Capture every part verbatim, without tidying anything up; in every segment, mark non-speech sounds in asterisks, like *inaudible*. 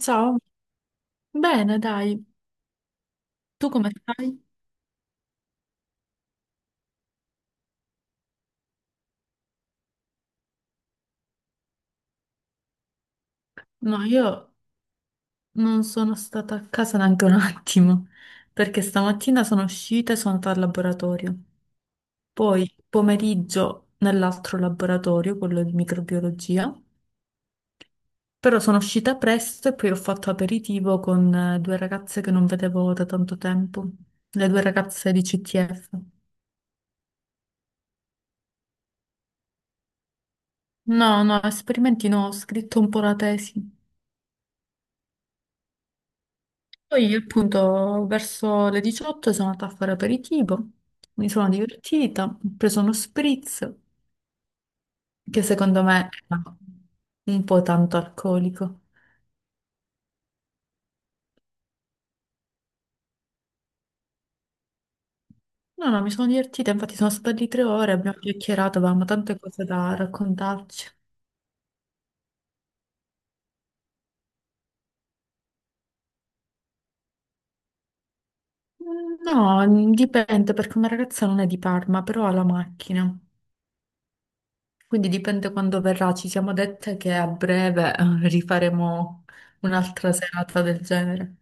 Ciao, bene, dai, tu come stai? No, io non sono stata a casa neanche un *laughs* attimo, perché stamattina sono uscita e sono andata al laboratorio, poi pomeriggio nell'altro laboratorio, quello di microbiologia, però sono uscita presto e poi ho fatto aperitivo con eh, due ragazze che non vedevo da tanto tempo, le due ragazze di C T F. No, no, esperimenti no, ho scritto un po' la tesi. Poi appunto verso le diciotto sono andata a fare aperitivo, mi sono divertita, ho preso uno spritz che secondo me era un po' tanto alcolico. No, no, mi sono divertita, infatti sono state lì tre ore, abbiamo chiacchierato, avevamo tante cose da raccontarci. Mm, no, dipende perché una ragazza non è di Parma, però ha la macchina, quindi dipende quando verrà. Ci siamo dette che a breve eh, rifaremo un'altra serata del genere.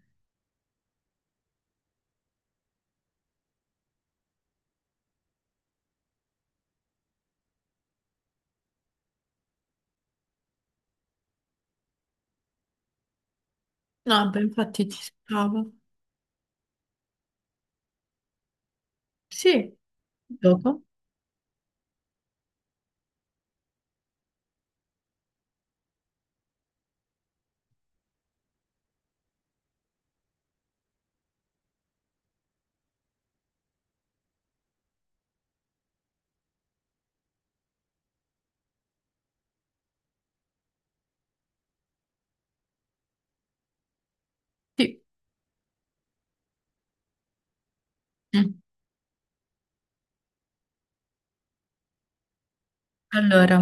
No, beh, infatti ci stavo. Sì, dopo? Sì. Mm. Allora,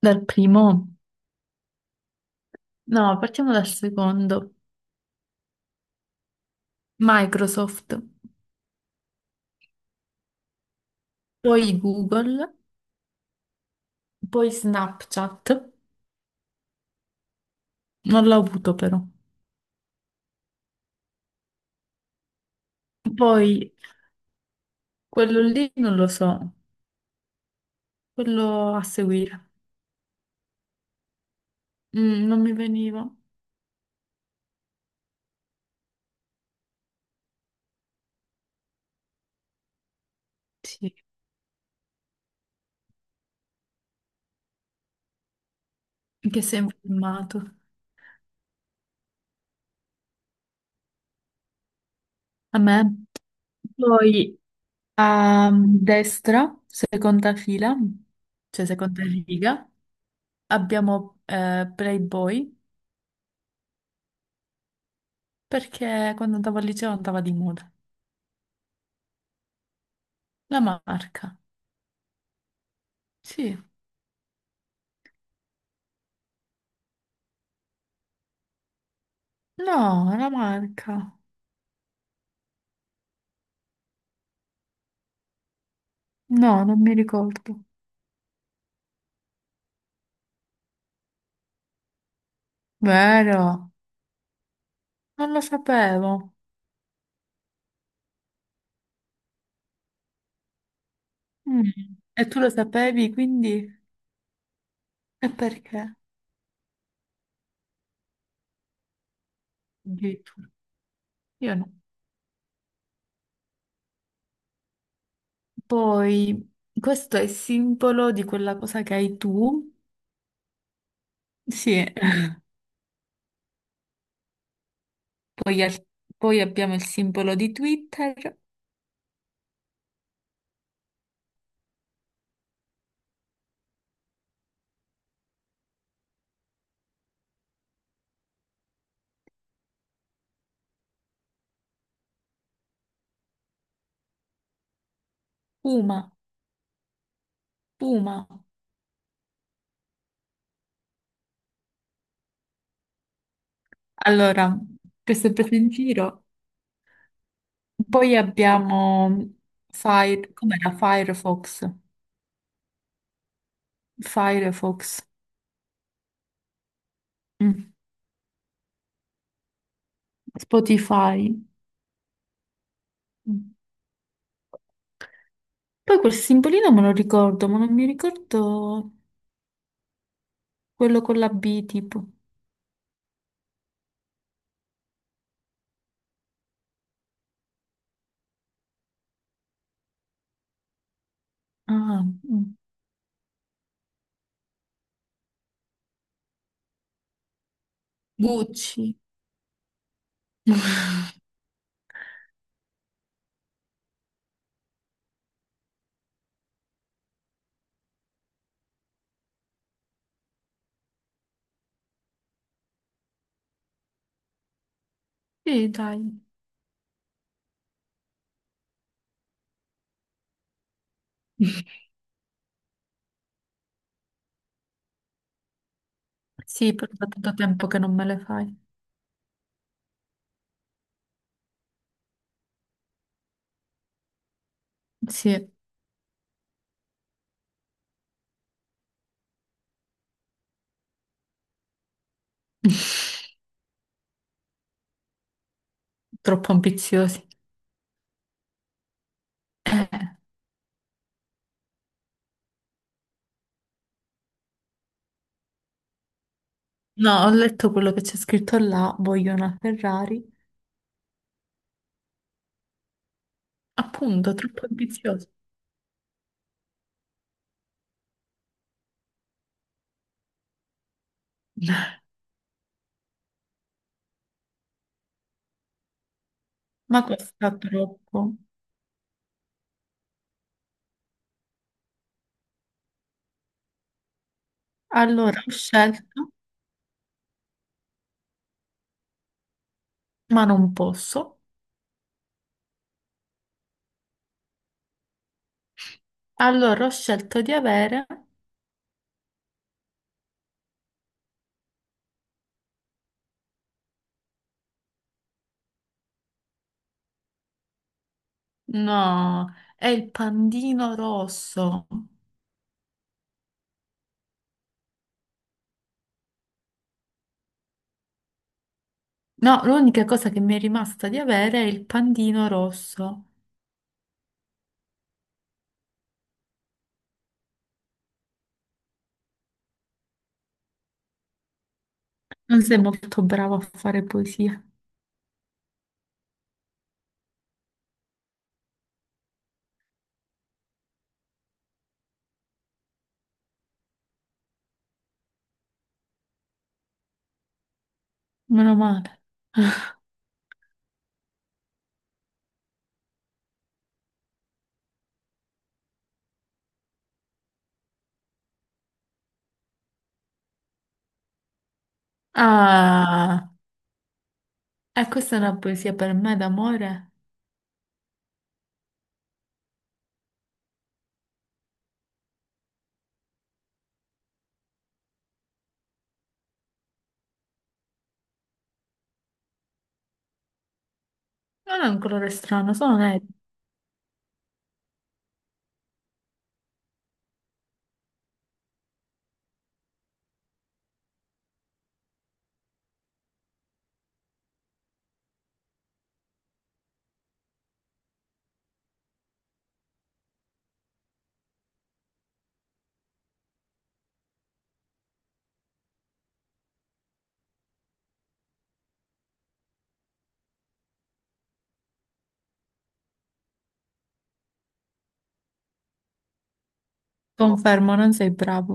dal primo, no, partiamo dal secondo. Microsoft, poi Google, poi Snapchat. Non l'ho avuto però. Poi quello lì non lo so, quello a seguire. Mm, non mi veniva. Sì, che sembra filmato. A me. Poi a destra, seconda fila, cioè seconda riga, abbiamo eh, Playboy. Perché quando andavo al liceo andava di moda. La marca, sì. No, la marca. No, non mi ricordo. Vero? Non lo sapevo. Mm. E tu lo sapevi, quindi? E perché? Addirittura. Io no. Poi, questo è il simbolo di quella cosa che hai tu. Sì. Poi, al- poi abbiamo il simbolo di Twitter. Puma, Puma. Allora, questo è preso in giro. Poi abbiamo Fire, com'era? Firefox. Firefox. Mm. Spotify. Mm. Poi quel simbolino me lo ricordo, ma non mi ricordo quello con la B tipo. Ah, mm. Gucci. *laughs* Sì, dai. Sì, però da tanto tempo che non me le fai. Sì. *laughs* Troppo ambiziosi. Eh. No, ho letto quello che c'è scritto là, voglio una Ferrari. Appunto, troppo ambizioso. Ma costa troppo. Allora ho scelto, ma non posso. Allora ho scelto di avere. No, è il pandino rosso. No, l'unica cosa che mi è rimasta di avere è il pandino rosso. Non sei molto bravo a fare poesia. Meno male. *laughs* Ah, e questa è una poesia per me d'amore? Non è un colore strano, sono nero. Confermo, non sei bravo.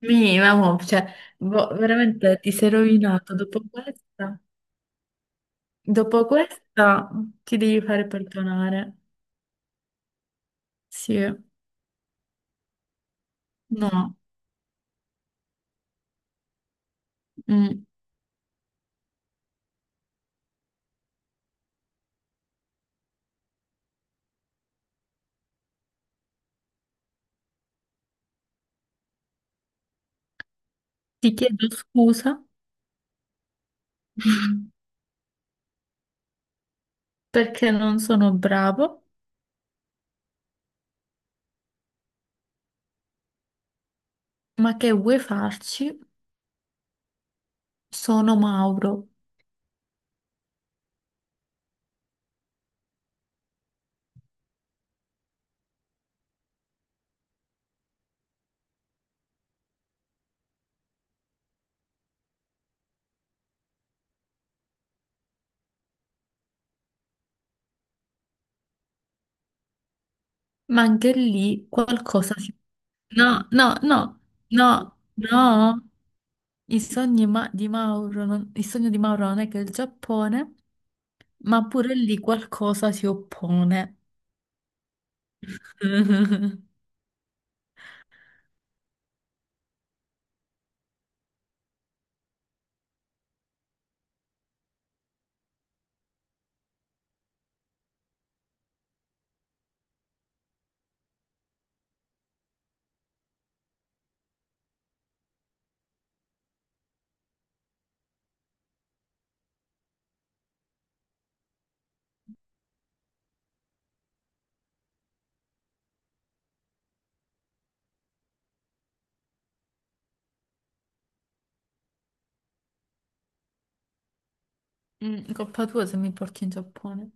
Mi, mamma, cioè, boh, veramente ti sei rovinato. Dopo questa, dopo questa ti devi fare perdonare. Sì, no. Mm. Ti chiedo scusa *laughs* perché non sono bravo, ma che vuoi farci? Sono Mauro. Ma anche lì qualcosa si... No, no, no, no, no. I sogni ma- di Mauro, non- il sogno di Mauro non è che il Giappone, ma pure lì qualcosa si oppone. *laughs* Mm, colpa tua se mi porti in Giappone.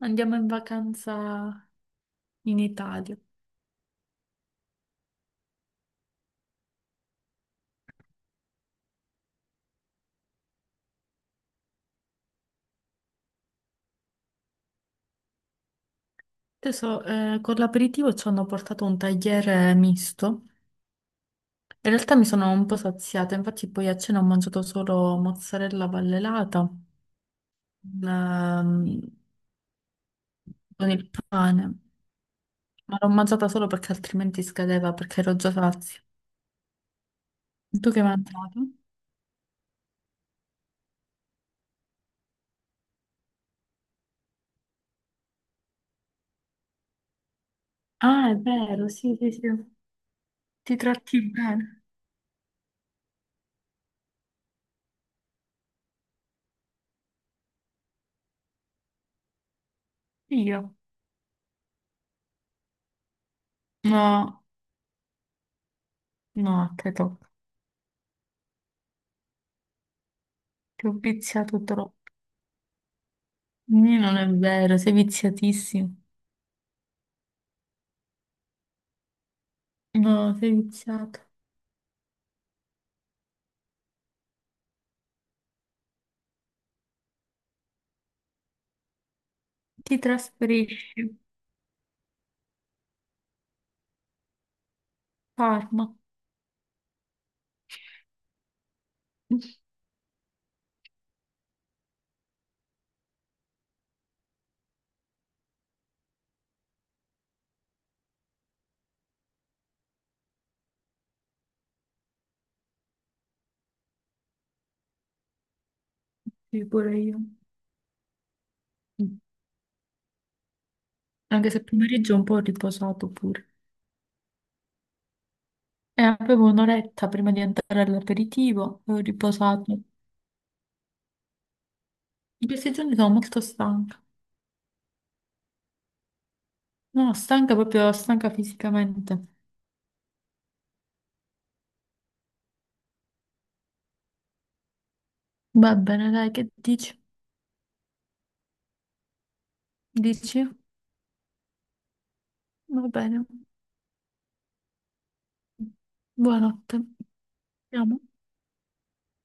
Andiamo in vacanza in Italia. Adesso eh, con l'aperitivo ci hanno portato un tagliere misto. In realtà mi sono un po' saziata, infatti poi a cena ho mangiato solo mozzarella vallelata ehm, con il pane, ma l'ho mangiata solo perché altrimenti scadeva, perché ero già sazia. Tu che hai mangiato? Ah, è vero, sì, sì, sì. Ti tratti bene. Io? No, no, credo. Ti ho viziato troppo. Nì, non è vero, sei viziatissimo. No, sei viziato. Ti trasferisci, a Parma. Sì, pure io. Anche se il pomeriggio è un po' riposato pure. E avevo un'oretta prima di entrare all'aperitivo e ho riposato. In questi giorni sono molto stanca. No, stanca proprio, stanca fisicamente. Va bene, dai, che dici? Dici? Va bene. Buonanotte. Andiamo.